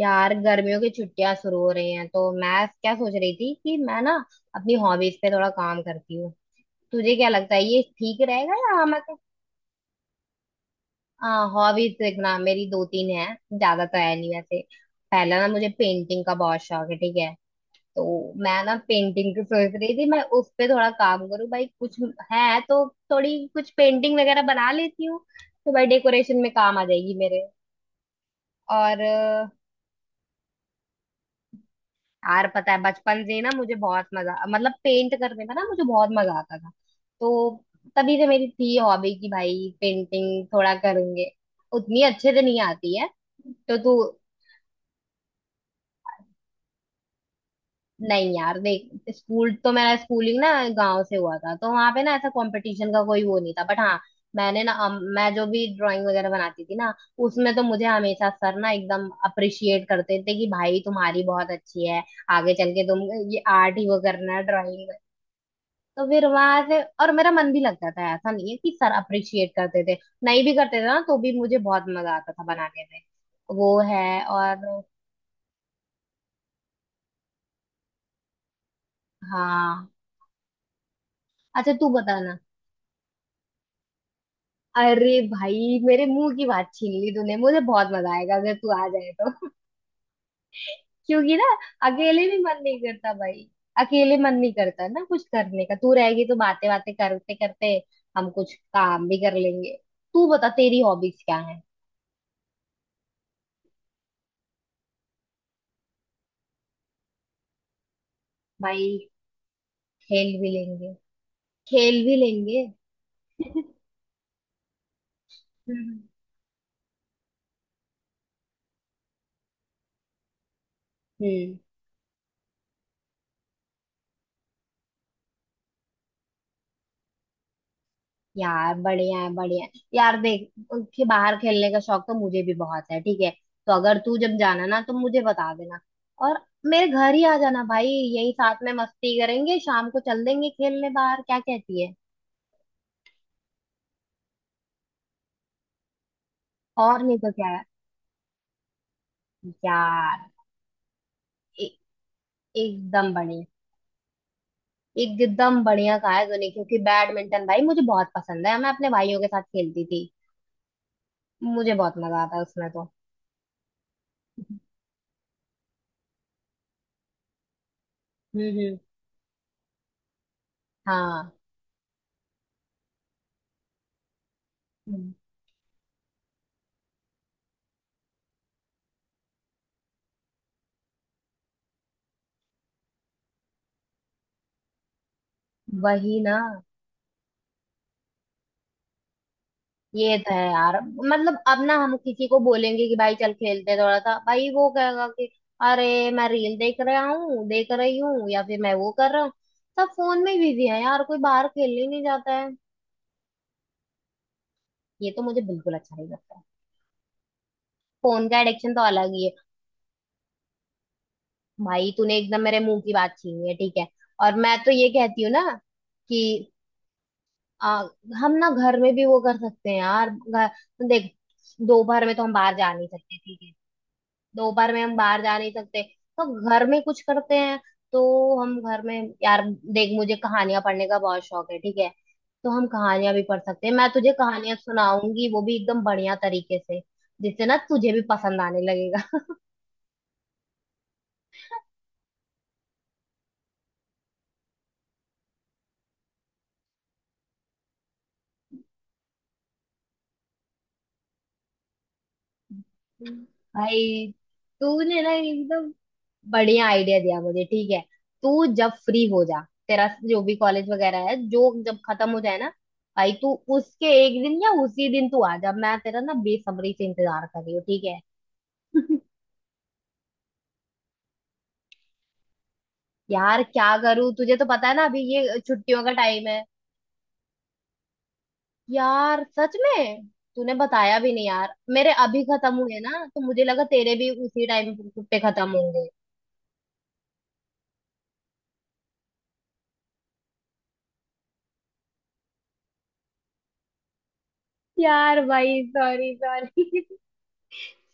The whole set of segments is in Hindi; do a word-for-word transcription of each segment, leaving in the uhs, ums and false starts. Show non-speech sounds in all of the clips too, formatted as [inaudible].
यार गर्मियों की छुट्टियां शुरू हो रही हैं, तो मैं क्या सोच रही थी कि मैं ना अपनी हॉबीज पे थोड़ा काम करती हूँ। तुझे क्या लगता है ये ठीक रहेगा या मैं? हॉबीज देखना, मेरी दो तीन है। ज्यादा तो है नहीं वैसे। पहला ना, मुझे पेंटिंग का बहुत शौक है, ठीक है। तो मैं ना पेंटिंग की सोच रही थी, मैं उस पे थोड़ा काम करूँ। भाई कुछ है तो थोड़ी कुछ पेंटिंग वगैरह बना लेती हूँ, तो भाई डेकोरेशन में काम आ जाएगी मेरे। और यार पता है, बचपन से ही ना मुझे बहुत मजा, मतलब पेंट करने में ना मुझे बहुत मजा आता था। तो तभी से मेरी थी हॉबी कि भाई पेंटिंग थोड़ा करूंगे। उतनी अच्छे से नहीं आती है तो तू। नहीं यार देख, स्कूल तो मेरा, स्कूलिंग ना गांव से हुआ था, तो वहां पे ना ऐसा कंपटीशन का कोई वो नहीं था। बट हाँ, मैंने ना अम, मैं जो भी ड्राइंग वगैरह बनाती थी ना, उसमें तो मुझे हमेशा सर ना एकदम अप्रिशिएट करते थे कि भाई तुम्हारी बहुत अच्छी है। आगे चल के तुम ये आर्ट ही वो करना, ड्राइंग। तो फिर वहां से और मेरा मन भी लगता था। ऐसा नहीं है कि सर अप्रिशिएट करते थे, नहीं भी करते थे ना तो भी मुझे बहुत मजा आता था बनाने में। वो है। और हाँ, अच्छा, तू बताना। अरे भाई, मेरे मुंह की बात छीन ली तूने। मुझे बहुत मजा आएगा अगर तू आ जाए तो। [laughs] क्योंकि ना अकेले भी मन नहीं करता भाई। अकेले मन नहीं करता ना कुछ करने का। तू रहेगी तो बातें बातें करते करते हम कुछ काम भी कर लेंगे। तू बता तेरी हॉबीज क्या है? भाई खेल भी लेंगे, खेल भी लेंगे। हम्म। यार बढ़िया है, बढ़िया है। यार देख, के बाहर खेलने का शौक तो मुझे भी बहुत है, ठीक है। तो अगर तू जब जाना ना तो मुझे बता देना। और मेरे घर ही आ जाना भाई। यही साथ में मस्ती करेंगे, शाम को चल देंगे खेलने बाहर। क्या कहती है? और नहीं तो क्या। यार ए, एकदम बढ़िया। एकदम बढ़िया कहा है तूने, क्योंकि बैडमिंटन भाई मुझे बहुत पसंद है। मैं अपने भाइयों के साथ खेलती थी। मुझे बहुत मजा आता है उसमें तो। हम्म हम्म। हाँ। वही ना। ये तो है यार। मतलब अब ना हम किसी को बोलेंगे कि भाई चल खेलते हैं थोड़ा सा, भाई वो कहेगा कि अरे मैं रील देख रहा हूँ, देख रही हूँ, या फिर मैं वो कर रहा हूँ। सब फोन में बिजी है यार, कोई बाहर खेलने ही नहीं जाता है। ये तो मुझे बिल्कुल अच्छा नहीं लगता है। फोन का एडिक्शन तो अलग ही है। भाई तूने एकदम मेरे मुंह की बात छीनी है, ठीक है। और मैं तो ये कहती हूँ ना कि आ, हम ना घर में भी वो कर सकते हैं यार। घर, देख दोपहर में तो हम बाहर जा नहीं सकते, ठीक है। दोपहर में हम बाहर जा नहीं सकते तो घर में कुछ करते हैं। तो हम घर में, यार देख, मुझे कहानियां पढ़ने का बहुत शौक है, ठीक है। तो हम कहानियां भी पढ़ सकते हैं। मैं तुझे कहानियां सुनाऊंगी वो भी एकदम बढ़िया तरीके से, जिससे ना तुझे भी पसंद आने लगेगा। भाई तूने ना एकदम बढ़िया आइडिया दिया मुझे, ठीक है। तू जब फ्री हो जा, तेरा जो भी कॉलेज वगैरह है जो, जब खत्म हो जाए ना भाई, तू उसके एक दिन या उसी दिन तू आ जा। मैं तेरा ना बेसब्री से इंतजार कर रही हूँ, ठीक है। यार क्या करूं, तुझे तो पता है ना अभी ये छुट्टियों का टाइम है। यार सच में तूने बताया भी नहीं यार। मेरे अभी खत्म हुए ना तो मुझे लगा तेरे भी उसी टाइम पे खत्म होंगे। यार भाई, सॉरी सॉरी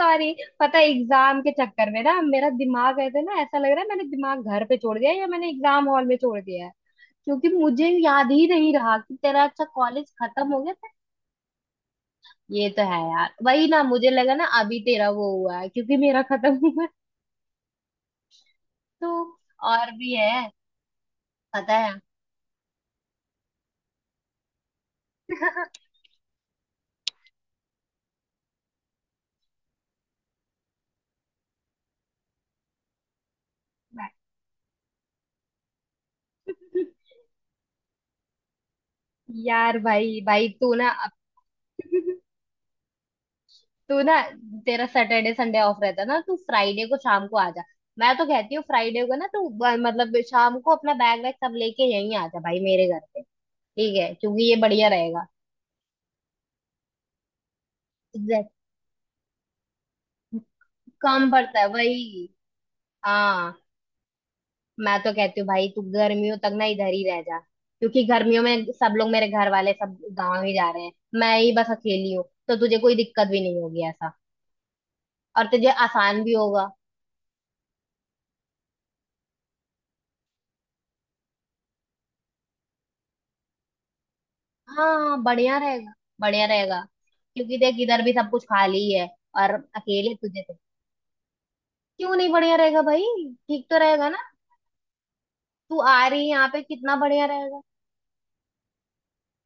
सॉरी [laughs] पता है, एग्जाम के चक्कर में ना मेरा दिमाग ऐसे ना, ऐसा लग रहा है मैंने दिमाग घर पे छोड़ दिया है, या मैंने एग्जाम हॉल में छोड़ दिया है। क्योंकि मुझे याद ही नहीं रहा कि तेरा, अच्छा, कॉलेज खत्म हो गया था। ये तो है यार। वही ना, मुझे लगा ना अभी तेरा वो हुआ है क्योंकि मेरा खत्म हुआ है तो। और भी है? पता है। मैं-, यार भाई भाई तू ना अब, तू ना तेरा सैटरडे संडे ऑफ रहता है ना, तू फ्राइडे को शाम को आ जा। मैं तो कहती हूँ फ्राइडे को ना तू ब- मतलब शाम को अपना बैग वैग सब लेके यहीं आ जा भाई मेरे घर पे, ठीक है, क्योंकि ये बढ़िया रहेगा। Exactly. कम पड़ता है, वही। हाँ, मैं तो कहती हूँ भाई तू गर्मियों तक ना इधर ही रह जा, क्योंकि गर्मियों में सब लोग, मेरे घर वाले सब गाँव ही जा रहे हैं। मैं ही बस अकेली हूँ, तो तुझे कोई दिक्कत भी नहीं होगी ऐसा। और तुझे आसान भी होगा। हाँ बढ़िया रहेगा। बढ़िया रहेगा क्योंकि देख, इधर भी सब कुछ खाली है। और अकेले तुझे तो। क्यों नहीं बढ़िया रहेगा भाई? ठीक तो रहेगा ना। तू आ रही है यहाँ पे, कितना बढ़िया रहेगा।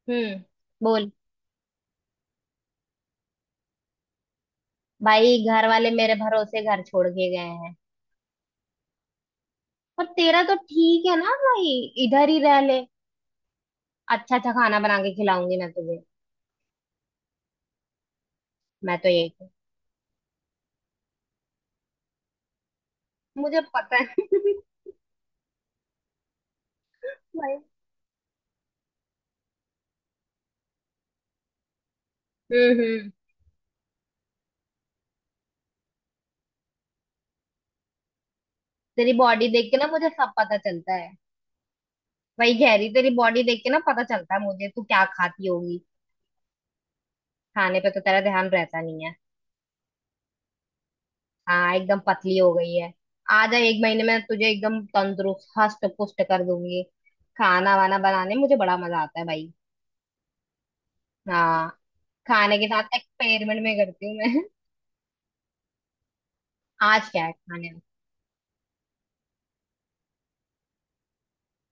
हम्म। बोल। भाई घर वाले मेरे भरोसे घर छोड़ के गए हैं, पर तेरा तो ठीक है ना भाई, इधर ही रह ले। अच्छा अच्छा खाना बना के खिलाऊंगी मैं तुझे। मैं तो यही। मुझे पता है। [laughs] भाई। हम्म हम्म। तेरी बॉडी देख के ना मुझे सब पता चलता है। वही गहरी, तेरी बॉडी देख के ना पता चलता है मुझे तू क्या खाती होगी। खाने पे तो तेरा ध्यान रहता नहीं है। हाँ एकदम पतली हो गई है। आ जा, एक महीने में तुझे एकदम तंदुरुस्त, हष्ट पुष्ट कर दूंगी। खाना वाना बनाने में मुझे बड़ा मजा आता है भाई। हाँ, खाने के साथ एक्सपेरिमेंट में करती हूँ मैं। [laughs] आज क्या है खाने में?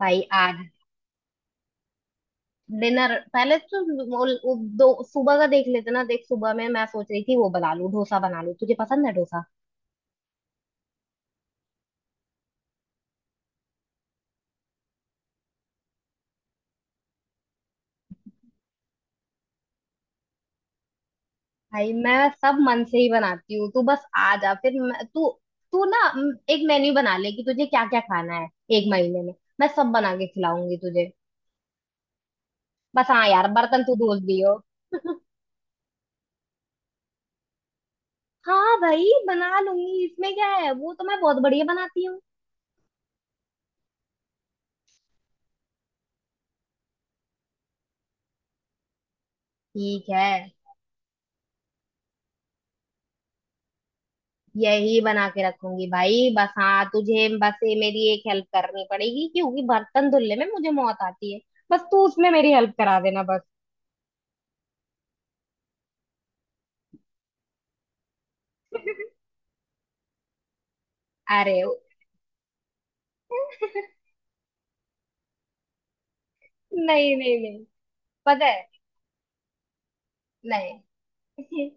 भाई आज डिनर, पहले तो वो, वो दो, सुबह का देख लेते ना। देख सुबह में मैं सोच रही थी वो बना लूं, डोसा बना लूं। तुझे पसंद है डोसा? भाई मैं सब मन से ही बनाती हूँ। तू बस आ जा, फिर मैं-, तू तू ना म, एक मेन्यू बना ले कि तुझे क्या क्या खाना है एक महीने में। मैं सब बना के खिलाऊंगी तुझे। बस हाँ यार, बर्तन तू धो दियो। हाँ भाई, बना लूंगी इसमें क्या है, वो तो मैं बहुत बढ़िया बनाती हूँ। ठीक है, यही बना के रखूंगी भाई। बस हाँ, तुझे बस ये मेरी एक हेल्प करनी पड़ेगी, क्योंकि बर्तन धुलने में मुझे मौत आती है। बस तू उसमें मेरी हेल्प करा देना, बस। अरे। [laughs] नहीं नहीं नहीं। पता है। नहीं। [laughs]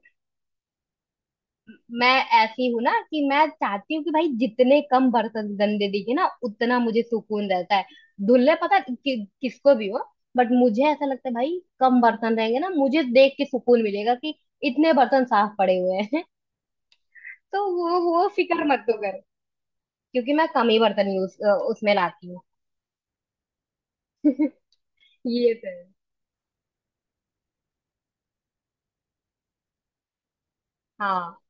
मैं ऐसी हूँ ना कि मैं चाहती हूँ कि भाई जितने कम बर्तन गंदे दिखे ना, उतना मुझे सुकून रहता है। धुलने पता कि, किसको भी हो, बट मुझे ऐसा लगता है भाई कम बर्तन रहेंगे ना, मुझे देख के सुकून मिलेगा कि इतने बर्तन साफ पड़े हुए हैं। [laughs] तो वो वो फिक्र मत तो कर, क्योंकि मैं कम ही बर्तन यूज उसमें लाती हूँ। [laughs] ये तो है। हाँ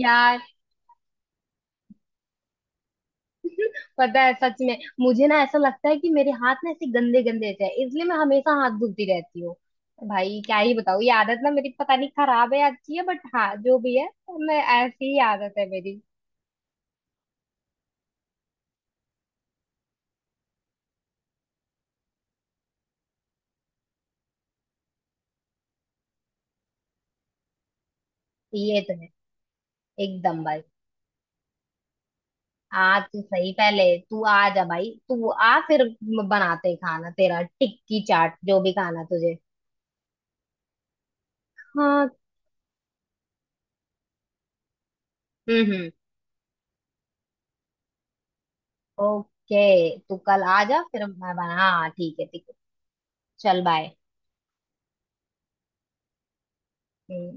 यार पता है, सच में मुझे ना ऐसा लगता है कि मेरे हाथ ना ऐसे गंदे गंदे से है, इसलिए मैं हमेशा हाथ धोती रहती हूँ। भाई क्या ही बताऊँ, ये आदत ना मेरी पता नहीं खराब है या अच्छी है, बट हाँ जो भी है, मैं, ऐसी ही आदत है मेरी। ये तो है। एकदम भाई। आ तू, सही, पहले तू आ जा भाई, तू आ फिर बनाते हैं खाना, तेरा टिक्की चाट जो भी खाना तुझे। हाँ। हम्म हम्म। ओके, तू कल आ जा फिर मैं बना, हाँ ठीक है ठीक है। चल बाय।